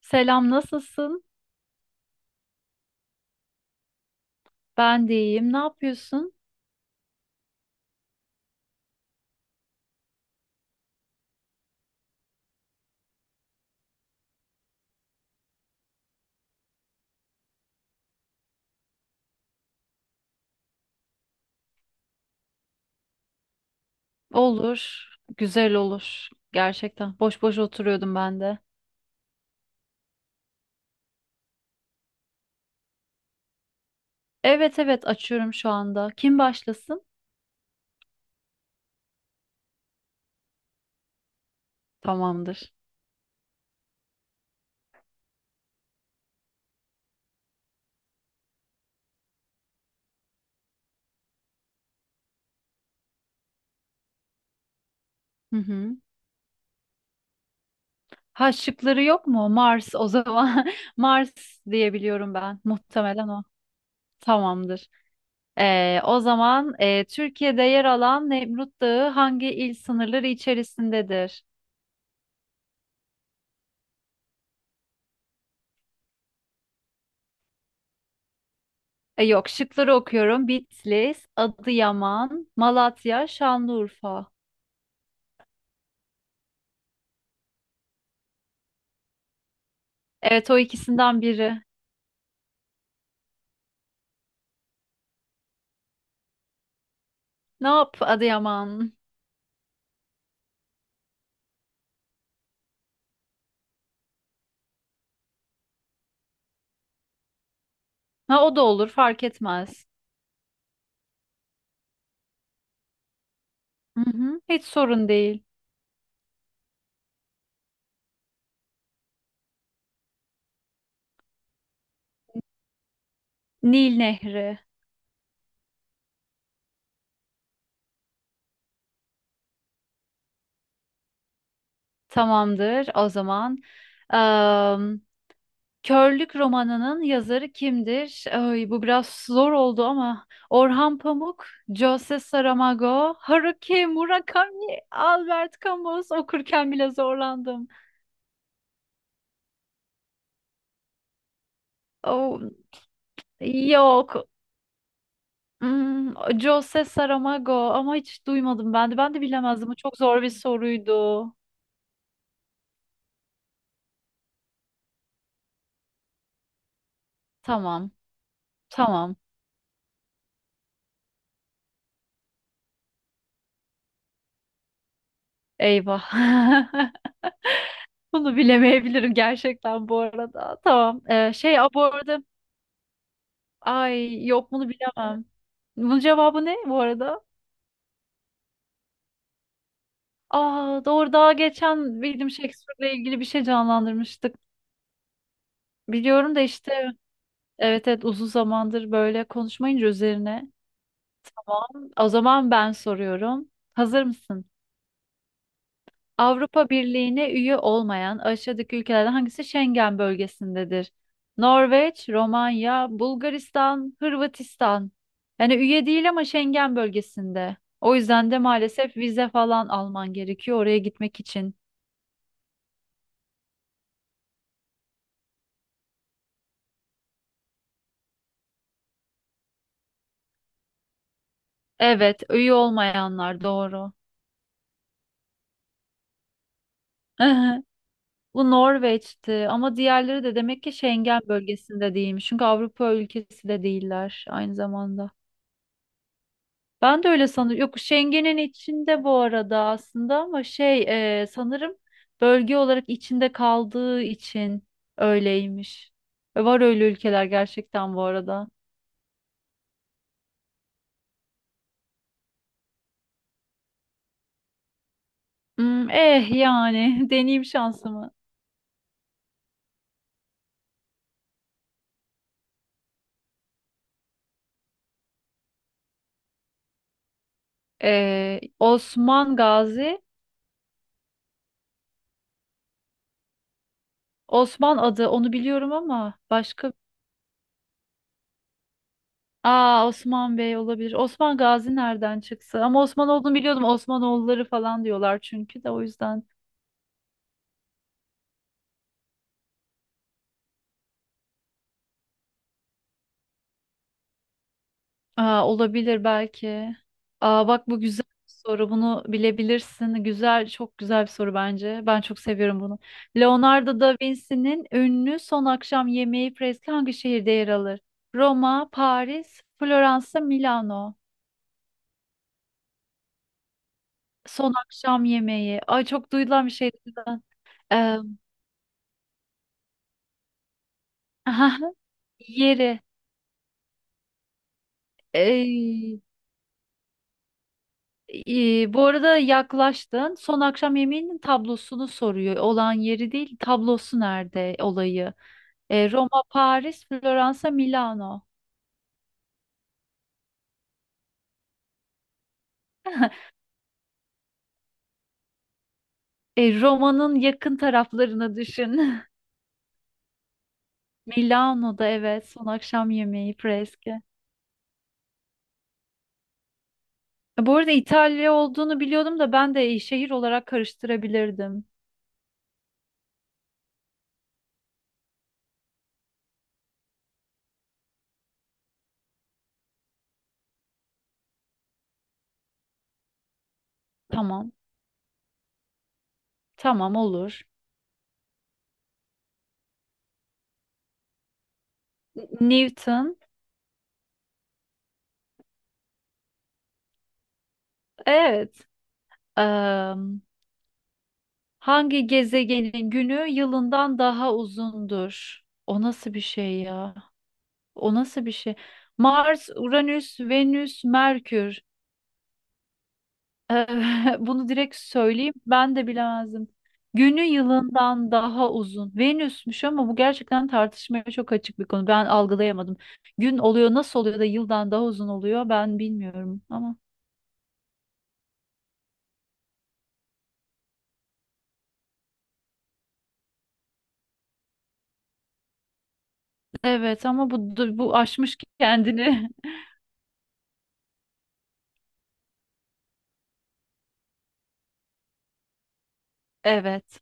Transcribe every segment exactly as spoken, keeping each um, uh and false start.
Selam, nasılsın? Ben de iyiyim. Ne yapıyorsun? Olur, güzel olur. Gerçekten. Boş boş oturuyordum ben de. Evet evet, açıyorum şu anda. Kim başlasın? Tamamdır. Hı hı. Ha, şıkları yok mu? Mars o zaman. Mars diyebiliyorum ben. Muhtemelen o. Tamamdır. Ee, o zaman e, Türkiye'de yer alan Nemrut Dağı hangi il sınırları içerisindedir? E, yok, şıkları okuyorum. Bitlis, Adıyaman, Malatya, Şanlıurfa. Evet, o ikisinden biri. Ne yap, Adıyaman? Ha, o da olur, fark etmez. Hı hı, hiç sorun değil. Nil Nehri. Tamamdır o zaman. Am, Körlük romanının yazarı kimdir? Ay, bu biraz zor oldu ama Orhan Pamuk, Jose Saramago, Haruki Murakami, Albert Camus okurken bile zorlandım. Oh, yok. Hmm, Jose Saramago, ama hiç duymadım ben de. Ben de bilemezdim. Bu çok zor bir soruydu. Tamam. Tamam. Eyvah. Bunu bilemeyebilirim gerçekten bu arada. Tamam. Ee, şey, aa, bu arada, ay yok, bunu bilemem. Bunun cevabı ne bu arada? Aa, doğru, daha geçen William Shakespeare'le ilgili bir şey canlandırmıştık. Biliyorum da işte, evet evet, uzun zamandır böyle konuşmayınca üzerine. O zaman ben soruyorum. Hazır mısın? Avrupa Birliği'ne üye olmayan aşağıdaki ülkelerden hangisi Schengen bölgesindedir? Norveç, Romanya, Bulgaristan, Hırvatistan. Yani üye değil ama Schengen bölgesinde. O yüzden de maalesef vize falan alman gerekiyor oraya gitmek için. Evet, üye olmayanlar doğru. Bu Norveç'ti ama diğerleri de demek ki Schengen bölgesinde değilmiş. Çünkü Avrupa ülkesi de değiller aynı zamanda. Ben de öyle sanırım. Yok, Schengen'in içinde bu arada aslında, ama şey, e, sanırım bölge olarak içinde kaldığı için öyleymiş. E, Var öyle ülkeler gerçekten bu arada. Hmm, eh yani, deneyim şansımı. E, Osman Gazi, Osman adı, onu biliyorum ama başka... Aa, Osman Bey olabilir. Osman Gazi nereden çıksa? Ama Osman olduğunu biliyordum. Osmanoğulları falan diyorlar çünkü de, o yüzden. Aa, olabilir belki. Aa, bak, bu güzel bir soru. Bunu bilebilirsin. Güzel, çok güzel bir soru bence. Ben çok seviyorum bunu. Leonardo da Vinci'nin ünlü Son Akşam Yemeği freski hangi şehirde yer alır? Roma, Paris, Floransa, Milano. Son Akşam Yemeği. Ay, çok duyulan bir şey zaten. Ee, yeri. Ee, e, Bu arada yaklaştın. Son akşam yemeğinin tablosunu soruyor. Olan yeri değil, tablosu nerede olayı. E, Roma, Paris, Floransa, Milano. E, Roma'nın yakın taraflarını düşün. Milano'da, evet, son akşam yemeği freski. E, Bu arada İtalya olduğunu biliyordum da, ben de şehir olarak karıştırabilirdim. Tamam. Tamam, olur. N- Newton. Evet. Am, Hangi gezegenin günü yılından daha uzundur? O nasıl bir şey ya? O nasıl bir şey? Mars, Uranüs, Venüs, Merkür. Bunu direkt söyleyeyim, ben de bilemezdim. Günü yılından daha uzun. Venüsmüş, ama bu gerçekten tartışmaya çok açık bir konu. Ben algılayamadım. Gün oluyor, nasıl oluyor da yıldan daha uzun oluyor, ben bilmiyorum ama. Evet ama bu, bu aşmış kendini. Evet.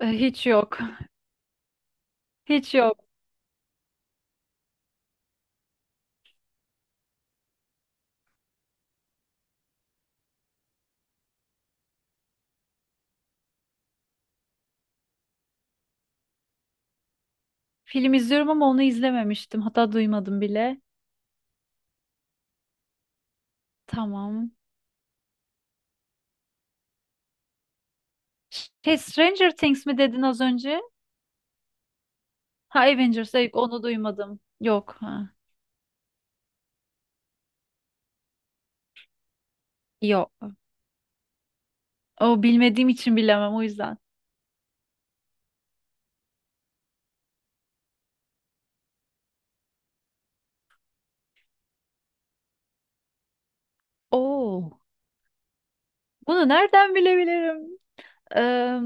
E, Hiç yok. Hiç yok. Film izliyorum ama onu izlememiştim. Hatta duymadım bile. Tamam. Şey, Stranger Things mi dedin az önce? Ha, Avengers. Hayır, onu duymadım. Yok. Ha. Yok. O, bilmediğim için bilemem o yüzden. Oo, bunu nereden bilebilirim? Eee,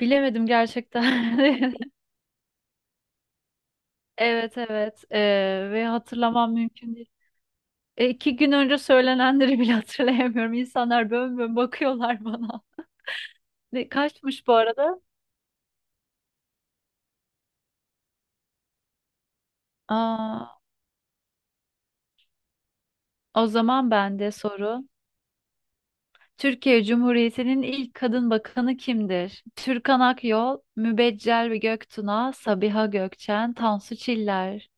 Bilemedim gerçekten. Evet evet. Eee, ve hatırlamam mümkün değil. E, iki gün önce söylenenleri bile hatırlayamıyorum. İnsanlar bön bön bakıyorlar bana. Ne kaçmış bu arada? Aa, o zaman bende soru. Türkiye Cumhuriyeti'nin ilk kadın bakanı kimdir? Türkan Akyol, Mübeccel Göktuna, Sabiha Gökçen, Tansu Çiller.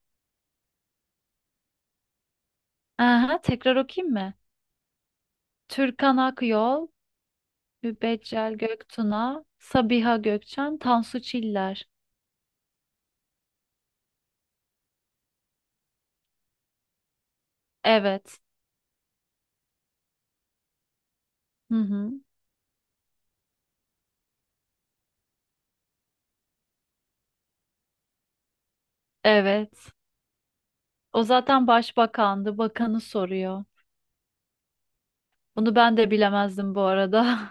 Aha, tekrar okuyayım mı? Türkan Akyol, Mübeccel Göktuna, Sabiha Gökçen, Tansu Çiller. Evet. Hı hı. Evet. O zaten başbakandı. Bakanı soruyor. Bunu ben de bilemezdim bu arada.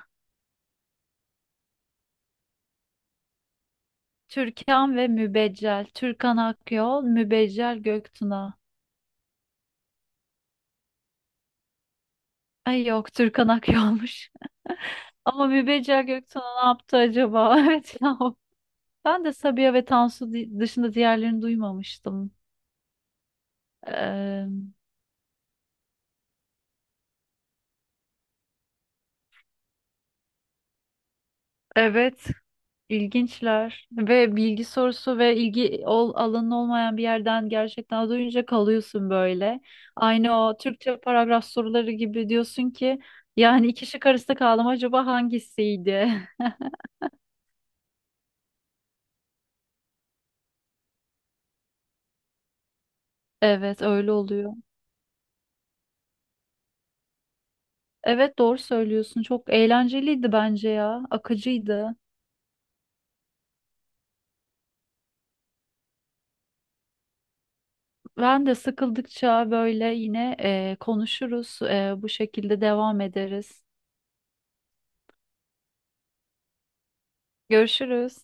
Türkan ve Mübeccel. Türkan Akyol, Mübeccel Göktuna. Ay yok, Türkan Akyol'muş. Ama Mübeccel Göktuna ne yaptı acaba? Evet ya. Ben de Sabiha ve Tansu di- dışında diğerlerini duymamıştım. Eee, evet. İlginçler ve bilgi sorusu ve ilgi ol, alanın olmayan bir yerden gerçekten duyunca kalıyorsun böyle. Aynı o Türkçe paragraf soruları gibi, diyorsun ki yani iki şık arasında kaldım, acaba hangisiydi? Evet, öyle oluyor. Evet, doğru söylüyorsun, çok eğlenceliydi bence ya, akıcıydı. Ben de sıkıldıkça böyle yine eee, konuşuruz, eee, bu şekilde devam ederiz. Görüşürüz.